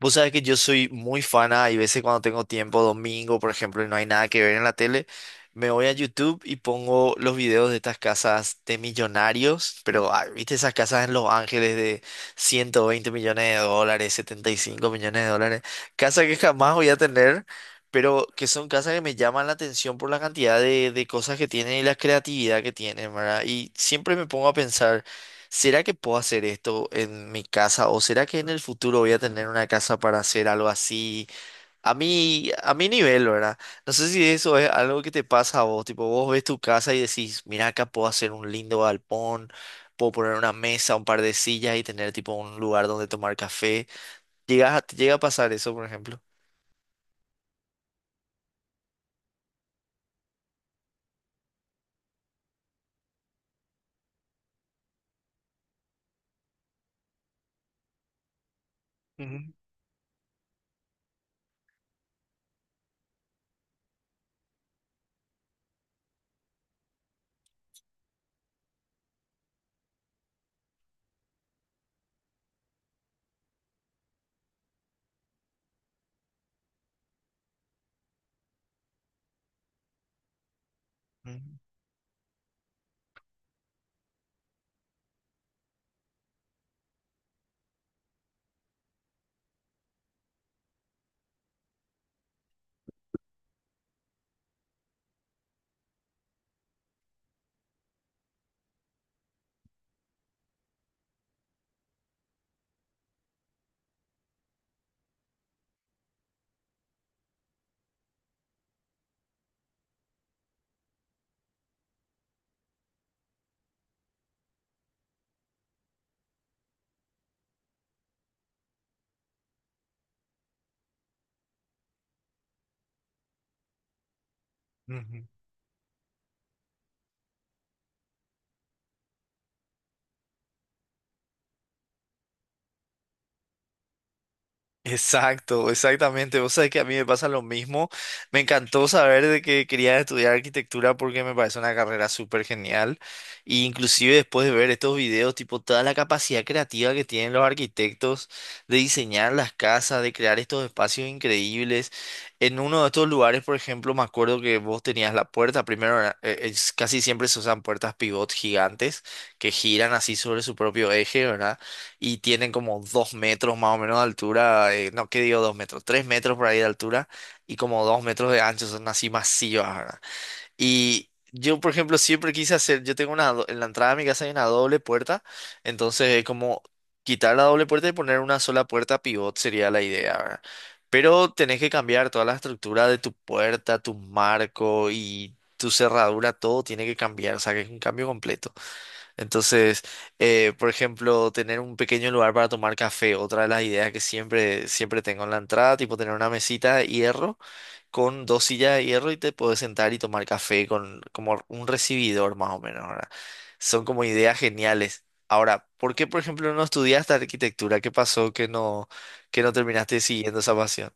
Vos sabés que yo soy muy fana, hay veces cuando tengo tiempo, domingo, por ejemplo, y no hay nada que ver en la tele, me voy a YouTube y pongo los videos de estas casas de millonarios, pero ah, viste esas casas en Los Ángeles de 120 millones de dólares, 75 millones de dólares, casas que jamás voy a tener, pero que son casas que me llaman la atención por la cantidad de cosas que tienen y la creatividad que tienen, ¿verdad? Y siempre me pongo a pensar. ¿Será que puedo hacer esto en mi casa o será que en el futuro voy a tener una casa para hacer algo así a mi nivel, ¿verdad? No sé si eso es algo que te pasa a vos, tipo vos ves tu casa y decís, mira acá puedo hacer un lindo galpón, puedo poner una mesa, un par de sillas y tener tipo un lugar donde tomar café. Te llega a pasar eso, por ejemplo? Ujú, ujú, ujú. Exacto, exactamente. Vos sabés que a mí me pasa lo mismo. Me encantó saber de que quería estudiar arquitectura porque me parece una carrera súper genial. Y inclusive después de ver estos videos, tipo toda la capacidad creativa que tienen los arquitectos de diseñar las casas, de crear estos espacios increíbles. En uno de estos lugares, por ejemplo, me acuerdo que vos tenías la puerta. Primero, casi siempre se usan puertas pivot gigantes que giran así sobre su propio eje, ¿verdad? Y tienen como dos metros más o menos de altura, no, ¿qué digo dos metros? Tres metros por ahí de altura y como dos metros de ancho, son así masivas, ¿verdad? Y yo, por ejemplo, siempre quise hacer, yo tengo una, en la entrada de mi casa hay una doble puerta, entonces es como quitar la doble puerta y poner una sola puerta pivot sería la idea, ¿verdad? Pero tenés que cambiar toda la estructura de tu puerta, tu marco y tu cerradura, todo tiene que cambiar, o sea que es un cambio completo. Entonces, por ejemplo, tener un pequeño lugar para tomar café, otra de las ideas que siempre tengo en la entrada, tipo tener una mesita de hierro con dos sillas de hierro y te puedes sentar y tomar café con como un recibidor más o menos, ¿verdad? Son como ideas geniales. Ahora, ¿por qué, por ejemplo, no estudiaste arquitectura? ¿Qué pasó que no terminaste siguiendo esa pasión?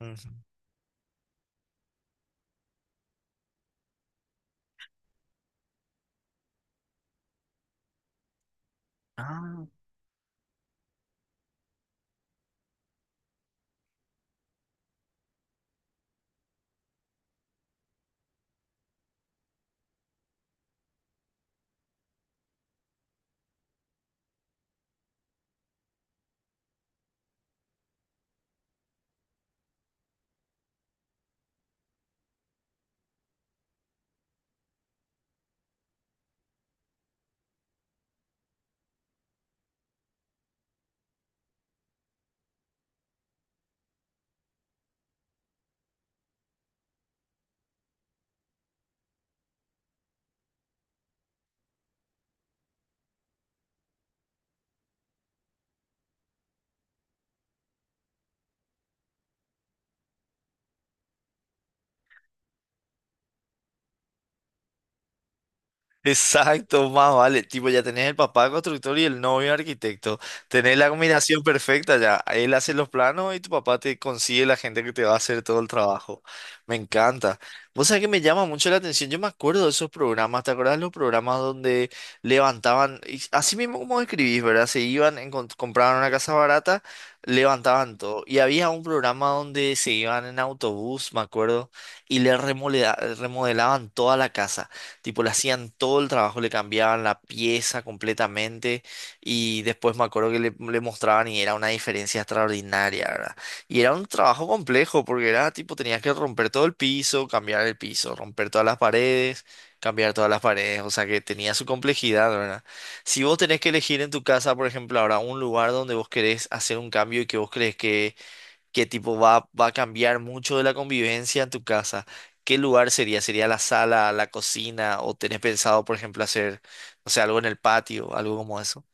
Ujú. Ah. Exacto, más vale. Tipo, ya tenés el papá constructor y el novio arquitecto. Tenés la combinación perfecta ya. Él hace los planos y tu papá te consigue la gente que te va a hacer todo el trabajo. Me encanta. Vos sabés que me llama mucho la atención. Yo me acuerdo de esos programas. ¿Te acordás los programas donde levantaban, y así mismo como escribís, ¿verdad? Se iban, compraban una casa barata, levantaban todo. Y había un programa donde se iban en autobús, me acuerdo, y le remodelaban toda la casa. Tipo, le hacían todo el trabajo, le cambiaban la pieza completamente y después me acuerdo que le mostraban y era una diferencia extraordinaria, ¿verdad? Y era un trabajo complejo porque era tipo, tenías que romper todo el piso, cambiar el piso, romper todas las paredes, cambiar todas las paredes, o sea que tenía su complejidad, ¿verdad? Si vos tenés que elegir en tu casa, por ejemplo, ahora un lugar donde vos querés hacer un cambio y que vos crees que va a cambiar mucho de la convivencia en tu casa. ¿Qué lugar sería? ¿Sería la sala, la cocina? ¿O tenés pensado, por ejemplo, hacer, no sé, algo en el patio, algo como eso?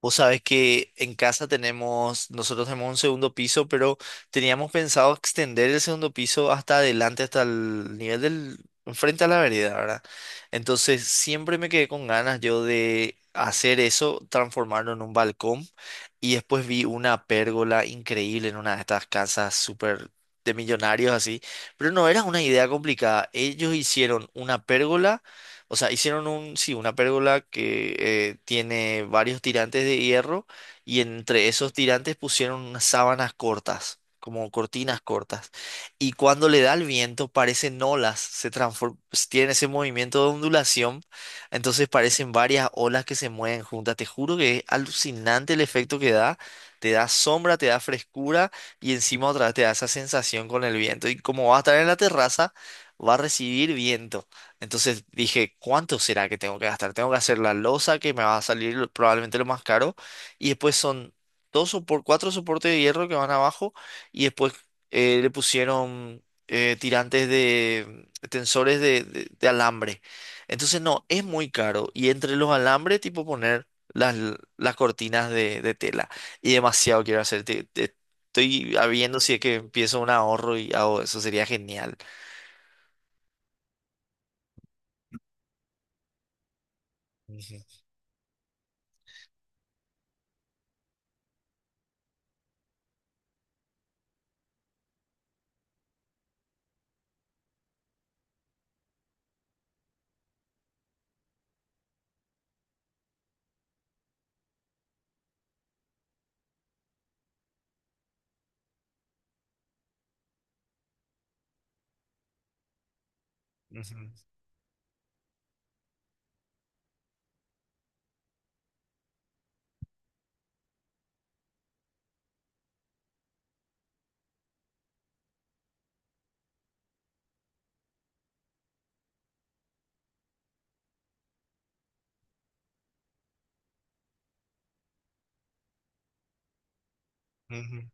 Vos sabés que en casa tenemos, nosotros tenemos un segundo piso, pero teníamos pensado extender el segundo piso hasta adelante, hasta el nivel del, frente a la vereda, ¿verdad? Entonces siempre me quedé con ganas yo de hacer eso, transformarlo en un balcón y después vi una pérgola increíble en una de estas casas súper de millonarios así, pero no era una idea complicada. Ellos hicieron una pérgola, o sea, hicieron un, sí, una pérgola que tiene varios tirantes de hierro y entre esos tirantes pusieron unas sábanas cortas, como cortinas cortas. Y cuando le da el viento parecen olas, tiene ese movimiento de ondulación, entonces parecen varias olas que se mueven juntas. Te juro que es alucinante el efecto que da. Te da sombra, te da frescura y encima otra vez te da esa sensación con el viento. Y como va a estar en la terraza, va a recibir viento. Entonces dije, ¿cuánto será que tengo que gastar? Tengo que hacer la losa que me va a salir probablemente lo más caro. Y después son dos por cuatro soportes de hierro que van abajo. Y después le pusieron tirantes de tensores de alambre. Entonces no, es muy caro. Y entre los alambres, tipo poner las cortinas de tela. Y demasiado quiero hacer. Estoy viendo si es que empiezo un ahorro y hago eso. Sería genial. Ujú, ujú, ujú.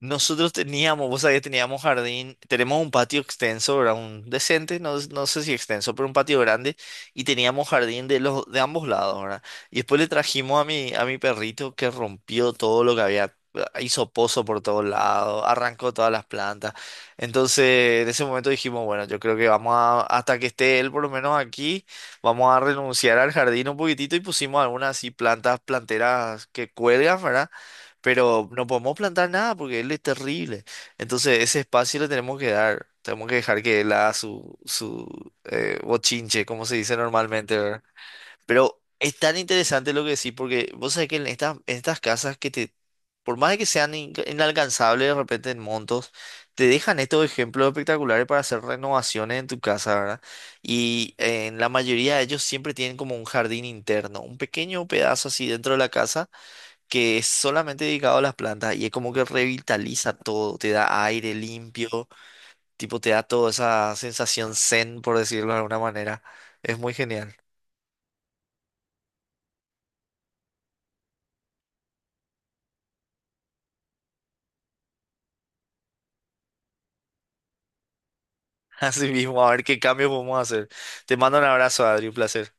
Nosotros teníamos, vos sabés, teníamos jardín, tenemos un patio extenso, ¿verdad? Un decente, no, no sé si extenso, pero un patio grande y teníamos jardín de los de ambos lados, ¿verdad? Y después le trajimos a mi perrito que rompió todo lo que había, hizo pozo por todos lados, arrancó todas las plantas. Entonces, en ese momento dijimos, bueno, yo creo que vamos a hasta que esté él por lo menos aquí, vamos a renunciar al jardín un poquitito y pusimos algunas así plantas planteras que cuelgan, ¿verdad? Pero no podemos plantar nada porque él es terrible. Entonces ese espacio le tenemos que dar, tenemos que dejar que él haga su bochinche, como se dice normalmente, ¿verdad? Pero es tan interesante lo que decís, porque vos sabés que en estas casas que te, por más de que sean inalcanzables de repente en montos, te dejan estos ejemplos espectaculares para hacer renovaciones en tu casa, ¿verdad? Y en la mayoría de ellos siempre tienen como un jardín interno, un pequeño pedazo así dentro de la casa que es solamente dedicado a las plantas y es como que revitaliza todo, te da aire limpio, tipo te da toda esa sensación zen, por decirlo de alguna manera. Es muy genial. Así mismo, a ver qué cambios podemos hacer. Te mando un abrazo, Adri, un placer.